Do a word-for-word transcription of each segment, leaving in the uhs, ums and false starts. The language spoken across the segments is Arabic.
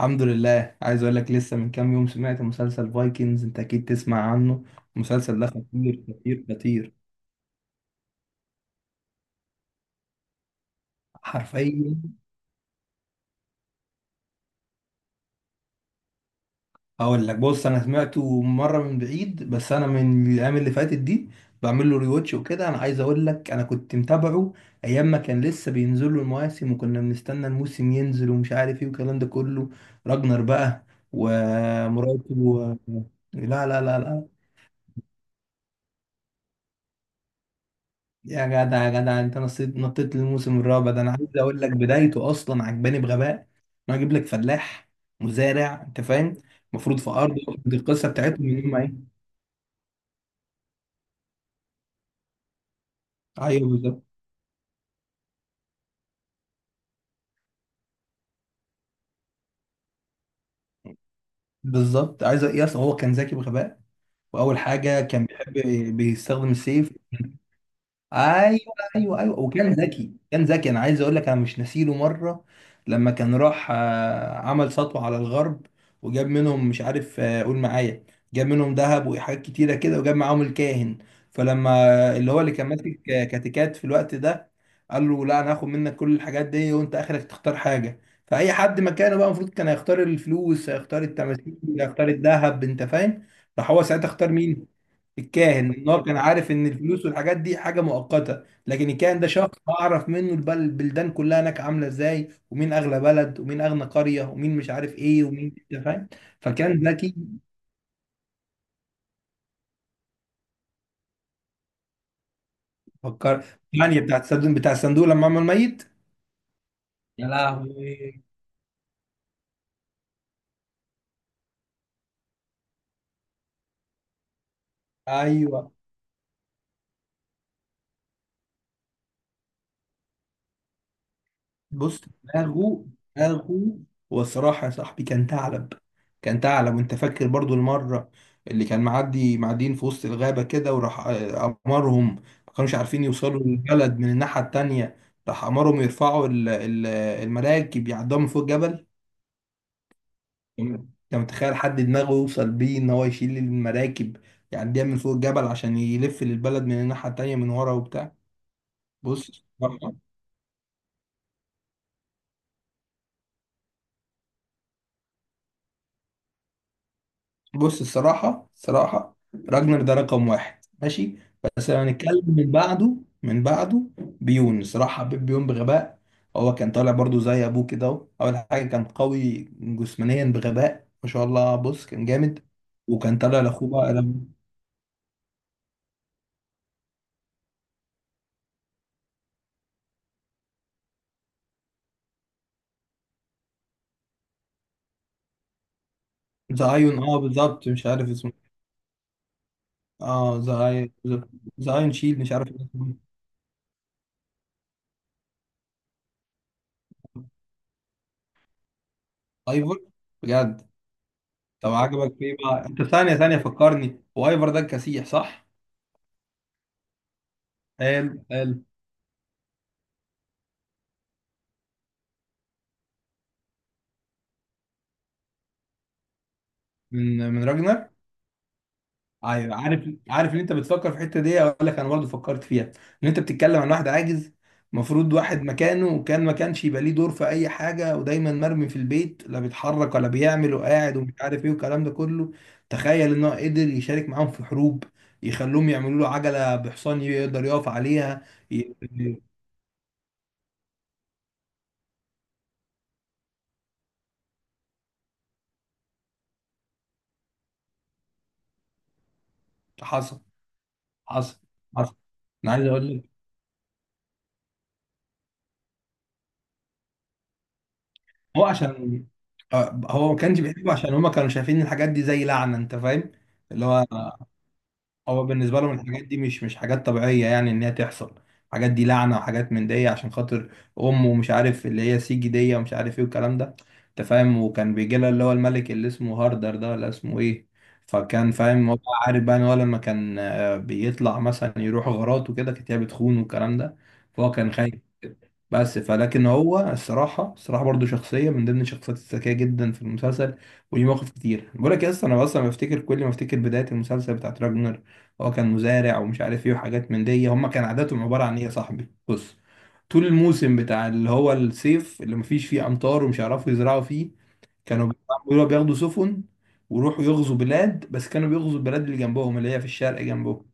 الحمد لله. عايز اقول لك لسه من كام يوم سمعت مسلسل فايكنجز، انت اكيد تسمع عنه. المسلسل ده خطير خطير خطير. حرفيا. هقول لك، بص، انا سمعته مره من بعيد، بس انا من الايام اللي فاتت دي بعمل له ريواتش وكده. انا عايز اقول لك انا كنت متابعه ايام ما كان لسه بينزل له المواسم، وكنا بنستنى الموسم ينزل ومش عارف ايه والكلام ده كله. راجنر بقى ومراته و... لا لا لا لا. يا جدع يا جدع، انت نطيت نطيت للموسم الرابع. ده انا عايز اقول لك بدايته اصلا عجباني بغباء، انه اجيب لك فلاح، مزارع، انت فاهم؟ المفروض في ارضه. دي القصه بتاعتهم ان هم ايه. ايوه بالظبط. بالظبط عايز يس، هو كان ذكي بغباء. واول حاجه كان بيحب بيستخدم السيف. ايوه ايوه ايوه. وكان ذكي كان ذكي. انا عايز اقول لك انا مش ناسيله مره لما كان راح آه، عمل سطوه على الغرب، وجاب منهم مش عارف آه، قول معايا، جاب منهم ذهب وحاجات كتيره كده وجاب معاهم الكاهن. فلما اللي هو اللي كان ماسك آه، كاتيكات في الوقت ده قال له لا، انا هاخد منك كل الحاجات دي وانت اخرك تختار حاجه. فاي حد مكانه بقى المفروض كان هيختار الفلوس، هيختار التماثيل، هيختار الذهب، انت فاهم. راح هو ساعتها اختار مين؟ الكاهن. النار، كان عارف ان الفلوس والحاجات دي حاجه مؤقته لكن الكاهن ده شخص اعرف منه البل- البلدان كلها هناك عامله ازاي ومين اغلى بلد ومين اغنى قريه ومين مش عارف ايه ومين، انت فاهم. فكان ذكي. فكر يعني بتاع الصندوق بتاع الصندوق لما عمل ميت. يا لهوي. ايوه. بص دماغه. دماغه. والصراحة يا صاحبي كان ثعلب. كان ثعلب. وانت فاكر برضو المرة اللي كان معدي معديين في وسط الغابة كده وراح آه، أمرهم. ما كانوش عارفين يوصلوا للبلد من الناحية التانية. راح أمرهم يرفعوا ال- ال- المراكب يعدوها من فوق الجبل. انت متخيل حد دماغه يوصل بيه ان هو يشيل المراكب يعديها من فوق الجبل عشان يلف للبلد من الناحية التانية من ورا وبتاع. بص. بص، الصراحة الصراحة، راجنر ده رقم واحد، ماشي. بس لو هنتكلم من بعده، من بعده بيون. الصراحة حبيت بيون بغباء. هو كان طالع برضو زي أبوه كده، أهو أول حاجة كان قوي جسمانيا بغباء ما شاء الله. بص كان جامد. وكان طالع لأخوه بقى. زايون، اه بالظبط، مش عارف اسمه. اه زايون. زايون شيل، مش عارف اسمه. ايفر. بجد. طب عجبك ايه بقى انت؟ ثانية ثانية، فكرني. وايفر ده الكسيح، صح؟ حلو حلو. من من راجنر. أيوة، عارف عارف ان انت بتفكر في الحته دي. اقول لك انا برضو فكرت فيها ان انت بتتكلم عن واحد عاجز، المفروض واحد مكانه وكان ما كانش يبقى ليه دور في اي حاجه، ودايما مرمي في البيت، لا بيتحرك ولا بيعمل، وقاعد ومش عارف ايه والكلام ده كله. تخيل ان هو قدر يشارك معاهم في حروب. يخلوهم يعملوا له عجله بحصان يقدر يقف عليها. ي- ي- حصل. حصل. حصل. انا عايز اقول لك، هو عشان آه، هو ما كانش بيحبه عشان هما كانوا شايفين الحاجات دي زي لعنه، انت فاهم. اللي هو، هو بالنسبة لهم الحاجات دي مش مش حاجات طبيعية يعني إن هي تحصل. الحاجات دي لعنة وحاجات من دي عشان خاطر أم ومش عارف اللي هي سيجي دي ومش عارف إيه والكلام ده أنت فاهم. وكان بيجي لها اللي هو الملك اللي اسمه هاردر ده ولا اسمه إيه. فكان فاهم هو، عارف بقى إن هو لما كان آه، بيطلع مثلا يروح غارات وكده كانت هي بتخون والكلام ده. فهو كان خايف. بس فلكن هو الصراحة الصراحة برضو شخصية من ضمن الشخصيات الذكية جدا في المسلسل. وليه مواقف كتير. بقول لك يا اسطى، انا اصلا بفتكر كل ما افتكر بداية المسلسل بتاعت راجنر، هو كان مزارع ومش عارف ايه وحاجات من دي. هما كان عاداتهم عبارة عن ايه يا صاحبي؟ بص، طول الموسم بتاع اللي هو الصيف اللي مفيش فيه امطار ومش هيعرفوا يزرعوا فيه كانوا بيروحوا- بياخدوا سفن ويروحوا يغزوا بلاد. بس كانوا بيغزوا البلاد اللي جنبهم، اللي هي في الشرق جنبهم.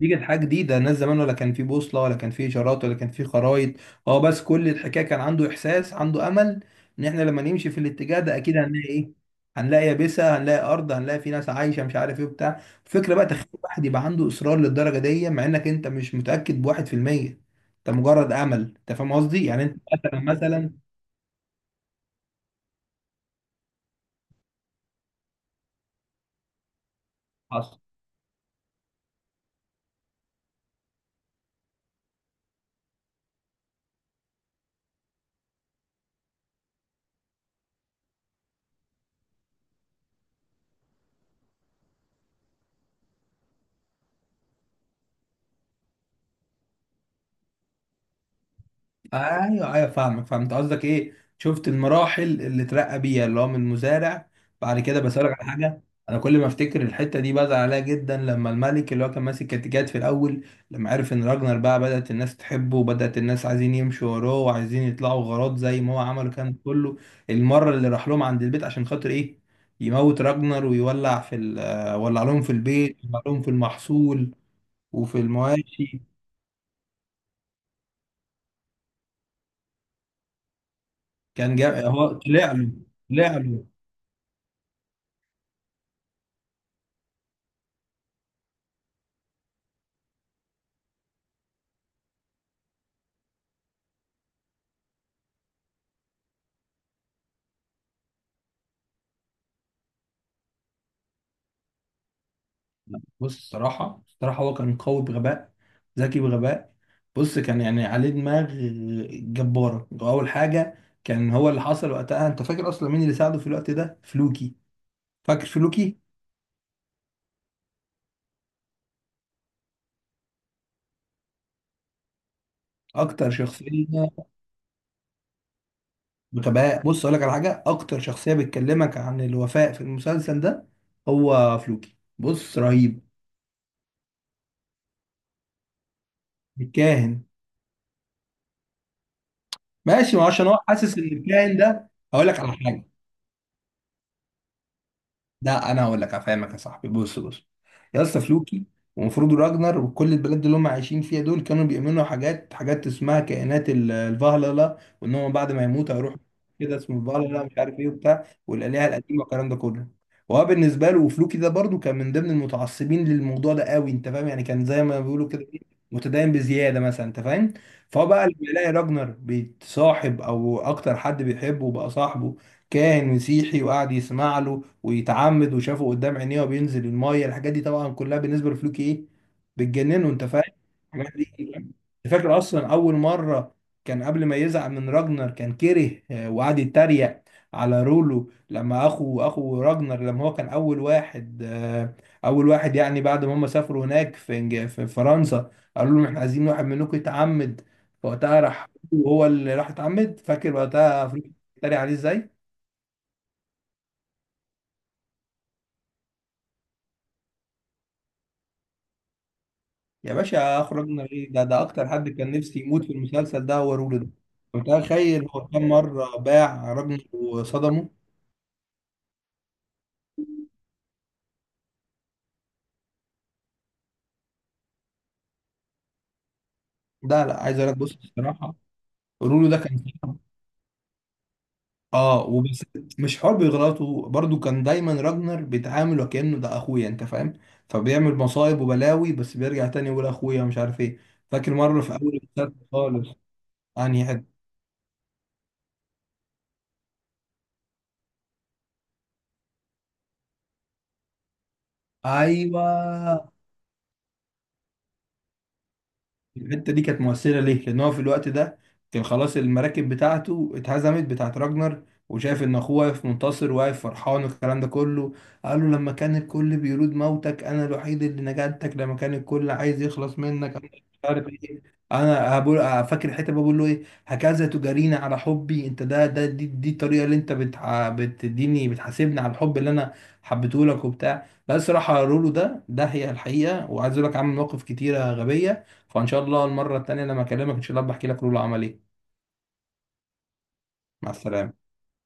دي كانت حاجة جديدة. الناس زمان ولا كان في بوصلة ولا كان في إشارات ولا كان في خرايط. هو بس كل الحكاية كان عنده إحساس، عنده أمل، إن إحنا لما نمشي في الاتجاه ده أكيد هنلاقي إيه، هنلاقي يابسة، هنلاقي أرض، هنلاقي في ناس عايشة مش عارف إيه بتاع. الفكرة بقى، تخيل واحد يبقى عنده إصرار للدرجة دي مع إنك أنت مش متأكد بواحد في المية. أنت مجرد أمل. أنت فاهم قصدي، يعني أنت مثلا. مثلا. ايوه ايوه فاهمك، فهمت قصدك. ايه، شفت المراحل اللي اترقى بيها اللي هو من مزارع. بعد كده بس أقولك على حاجه. انا كل ما افتكر الحته دي بزعل عليها جدا. لما الملك اللي هو كان ماسك كاتيجات في الاول لما عرف ان راجنر بقى بدات الناس تحبه وبدات الناس عايزين يمشوا وراه وعايزين يطلعوا غارات زي ما هو عمل كان كله. المره اللي راح لهم عند البيت عشان خاطر ايه؟ يموت راجنر ويولع في ال- آه، ولع لهم في البيت، ولع لهم في المحصول وفي المواشي. كان جا... هو طلع له، طلع له. بص الصراحة الصراحة هو كان قوي بغباء، ذكي بغباء. بص كان يعني عليه دماغ جبارة. أول حاجة كان هو اللي حصل وقتها. أنت فاكر أصلا مين اللي ساعده في الوقت ده؟ فلوكي. فاكر فلوكي؟ أكتر شخصية بغباء. بص أقول لك على حاجة، أكتر شخصية بتكلمك عن الوفاء في المسلسل ده هو فلوكي. بص رهيب. الكاهن. ماشي، ما عشان هو حاسس إن الكاهن ده، هقول لك على حاجة. لا انا هقول لك افهمك يا صاحبي. بص بص، يا اسطى، فلوكي ومفروض راجنر وكل البلاد اللي هم عايشين فيها دول كانوا بيؤمنوا حاجات، حاجات اسمها كائنات ال- الفهلله، وان هم بعد ما يموت هيروح كده. اسمه الفهلله مش عارف ايه وبتاع، والالهه القديمه والكلام ده كله. وهو بالنسبه له، وفلوكي ده برضو كان من ضمن المتعصبين للموضوع ده قوي، انت فاهم، يعني كان زي ما بيقولوا كده إيه، متدين بزياده مثلا، انت فاهم. فهو بقى لما يلاقي راجنر بيتصاحب او اكتر حد بيحبه بقى صاحبه كاهن مسيحي وقعد يسمع له ويتعمد وشافه قدام عينيه وبينزل المايه، الحاجات دي طبعا كلها بالنسبه لفلوكي ايه، بتجننه، انت فاهم. الحاجات دي أنت فاكر اصلا اول مره كان قبل ما يزعل من راجنر كان كره آه، وقعد يتريق على رولو. لما اخو اخو راجنر لما هو كان اول واحد آه، اول واحد، يعني بعد ما هم سافروا هناك في إنج- في فرنسا، قالوا لهم احنا عايزين واحد منكم يتعمد. فوقتها راح هو اللي راح اتعمد، فاكر وقتها افريقيا اتريق عليه ازاي. يا باشا اخرجنا ليه؟ ده ده اكتر حد كان نفسي يموت في المسلسل ده هو رولد. متخيل هو كم مره باع ابنه وصدمه؟ ده لا عايز اقول لك، بص الصراحه رولو ده كان صعب. اه، وبس. مش حوار بيغلطه، برضو كان دايما راجنر بيتعامل وكانه ده اخويا، انت فاهم، فبيعمل مصايب وبلاوي بس بيرجع تاني يقول اخويا مش عارف ايه. فاكر مره في اول المسلسل خالص. انهي حته؟ ايوه. الحته دي كانت مؤثره ليه؟ لان هو في الوقت ده كان خلاص المراكب بتاعته اتهزمت، بتاعت راجنر، وشايف ان اخوه واقف منتصر، واقف فرحان والكلام ده كله. قال له لما كان الكل بيرود موتك انا الوحيد اللي نجاتك، لما كان الكل عايز يخلص منك انا مش عارف ايه. انا هبقول. فاكر الحته بقول له ايه؟ هكذا تجاريني على حبي انت؟ ده ده دي, دي الطريقه اللي انت بتع... بتديني، بتحاسبني على الحب اللي انا حبيته لك وبتاع. لا الصراحه رولو ده، ده هي الحقيقه، وعايز اقول لك عامل مواقف كتيره غبيه. فان شاء الله المره التانيه لما اكلمك ان شاء الله بحكي لك لولا عمل ايه. مع السلامه.